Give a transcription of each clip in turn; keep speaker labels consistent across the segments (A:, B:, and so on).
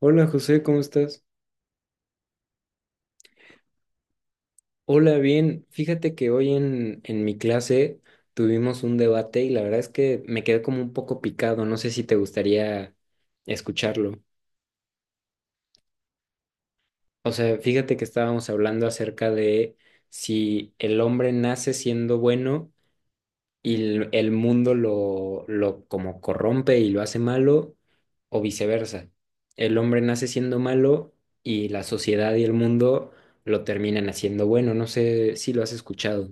A: Hola José, ¿cómo estás? Hola, bien. Fíjate que hoy en mi clase tuvimos un debate y la verdad es que me quedé como un poco picado. No sé si te gustaría escucharlo. O sea, fíjate que estábamos hablando acerca de si el hombre nace siendo bueno y el mundo lo como corrompe y lo hace malo o viceversa. El hombre nace siendo malo y la sociedad y el mundo lo terminan haciendo bueno. No sé si lo has escuchado.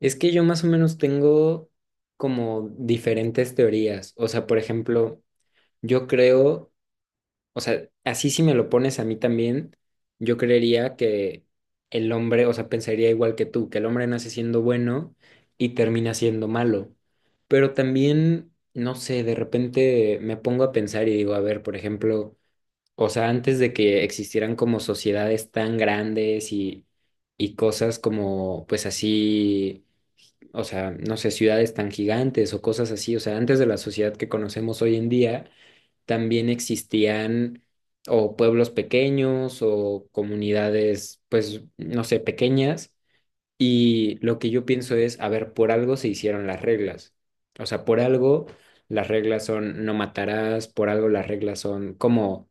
A: Es que yo más o menos tengo como diferentes teorías. O sea, por ejemplo, yo creo, o sea, así si me lo pones a mí también, yo creería que el hombre, o sea, pensaría igual que tú, que el hombre nace siendo bueno y termina siendo malo. Pero también, no sé, de repente me pongo a pensar y digo, a ver, por ejemplo, o sea, antes de que existieran como sociedades tan grandes y cosas como, pues así, o sea, no sé, ciudades tan gigantes o cosas así, o sea, antes de la sociedad que conocemos hoy en día, también existían o pueblos pequeños o comunidades, pues, no sé, pequeñas. Y lo que yo pienso es, a ver, por algo se hicieron las reglas. O sea, por algo las reglas son no matarás, por algo las reglas son como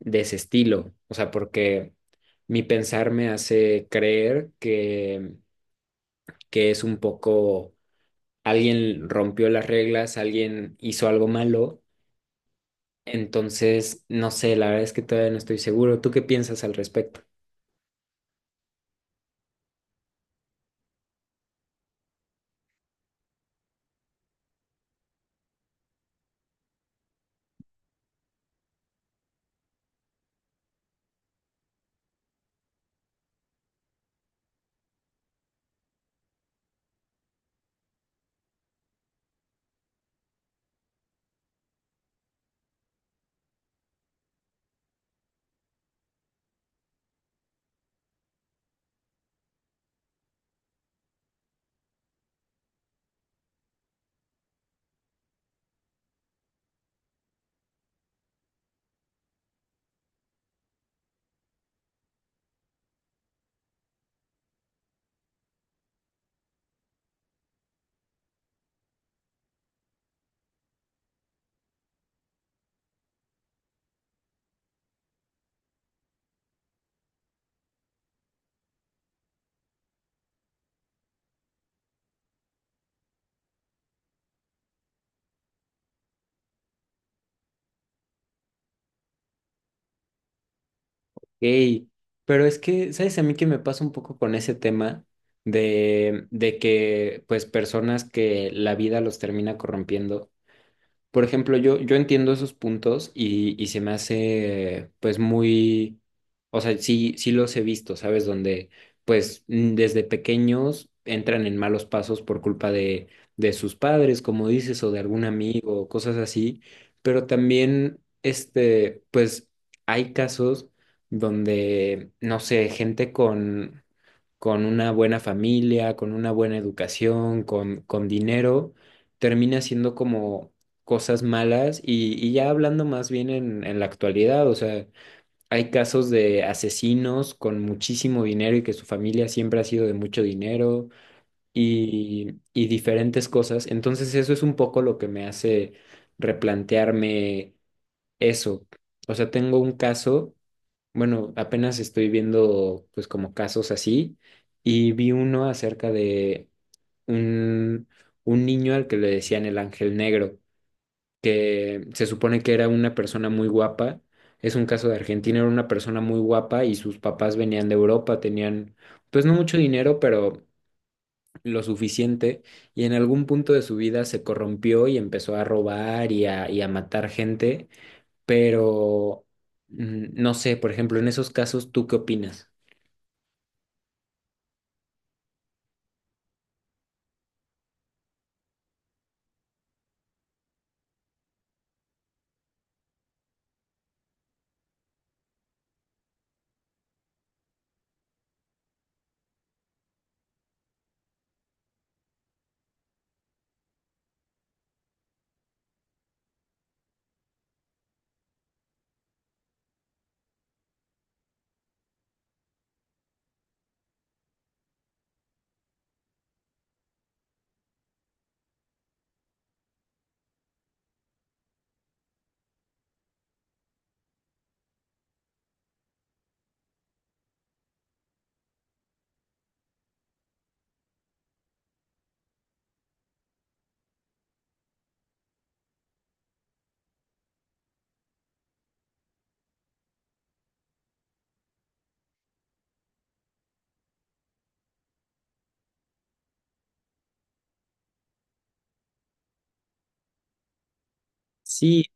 A: de ese estilo. O sea, porque mi pensar me hace creer que es un poco alguien rompió las reglas, alguien hizo algo malo. Entonces, no sé, la verdad es que todavía no estoy seguro. ¿Tú qué piensas al respecto? Ey, pero es que, ¿sabes? A mí que me pasa un poco con ese tema de que, pues, personas que la vida los termina corrompiendo. Por ejemplo, yo entiendo esos puntos y se me hace pues muy, o sea, sí, sí los he visto, ¿sabes? Donde pues desde pequeños entran en malos pasos por culpa de sus padres, como dices, o de algún amigo, o cosas así. Pero también, este, pues hay casos donde, no sé, gente con una buena familia, con una buena educación, con dinero, termina siendo como cosas malas y ya hablando más bien en la actualidad, o sea, hay casos de asesinos con muchísimo dinero y que su familia siempre ha sido de mucho dinero y diferentes cosas. Entonces eso es un poco lo que me hace replantearme eso. O sea, tengo un caso. Bueno, apenas estoy viendo pues como casos así y vi uno acerca de un, un niño al que le decían el Ángel Negro, que se supone que era una persona muy guapa, es un caso de Argentina, era una persona muy guapa y sus papás venían de Europa, tenían pues no mucho dinero, pero lo suficiente y en algún punto de su vida se corrompió y empezó a robar y a matar gente, pero no sé, por ejemplo, en esos casos, ¿tú qué opinas? Sí,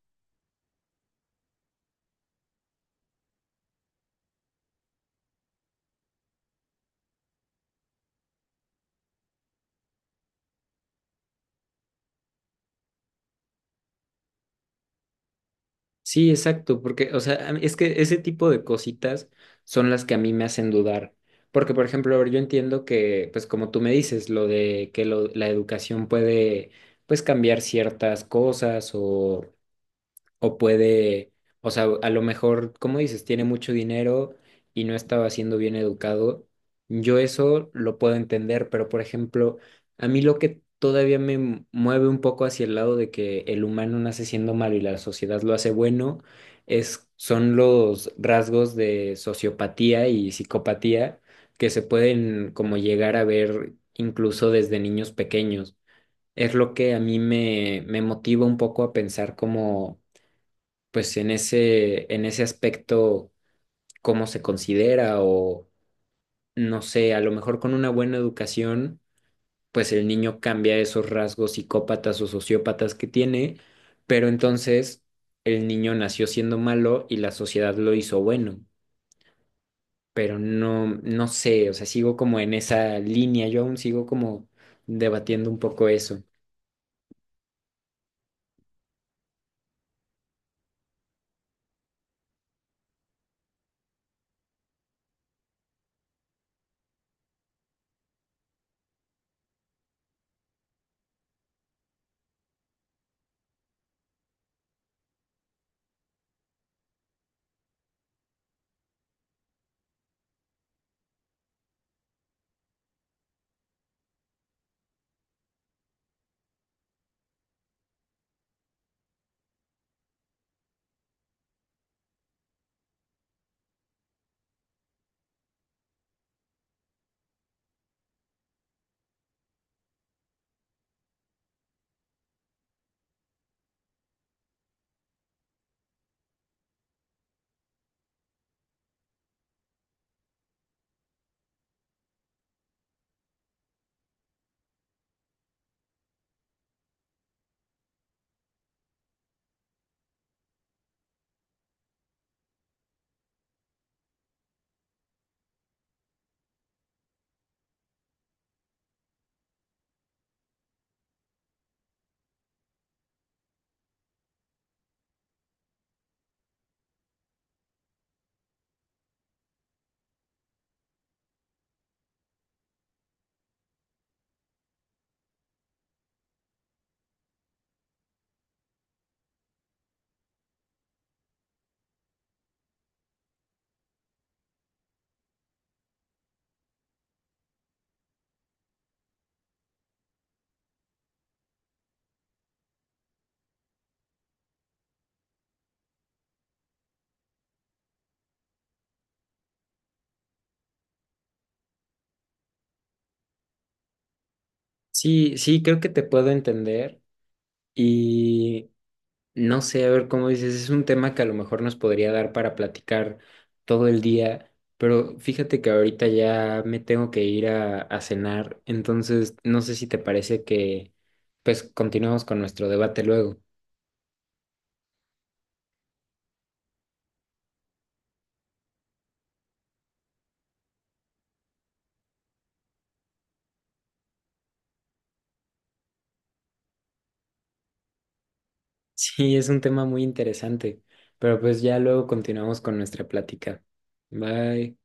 A: sí, exacto, porque, o sea, a mí- es que ese tipo de cositas son las que a mí me hacen dudar. Porque, por ejemplo, a ver, yo entiendo que, pues como tú me dices, lo de que lo- la educación puede, pues, cambiar ciertas cosas o puede, o sea, a lo mejor, como dices, tiene mucho dinero y no estaba siendo bien educado. Yo eso lo puedo entender, pero por ejemplo, a mí lo que todavía me mueve un poco hacia el lado de que el humano nace siendo malo y la sociedad lo hace bueno, es, son los rasgos de sociopatía y psicopatía que se pueden como llegar a ver incluso desde niños pequeños. Es lo que a mí me motiva un poco a pensar como pues en ese aspecto, cómo se considera o no sé, a lo mejor con una buena educación, pues el niño cambia esos rasgos psicópatas o sociópatas que tiene, pero entonces el niño nació siendo malo y la sociedad lo hizo bueno, pero no, no sé, o sea, sigo como en esa línea, yo aún sigo como debatiendo un poco eso. Sí, sí, creo que te puedo entender y no sé, a ver cómo dices, es un tema que a lo mejor nos podría dar para platicar todo el día, pero fíjate que ahorita ya me tengo que ir a cenar, entonces no sé si te parece que pues continuemos con nuestro debate luego. Sí, es un tema muy interesante, pero pues ya luego continuamos con nuestra plática. Bye.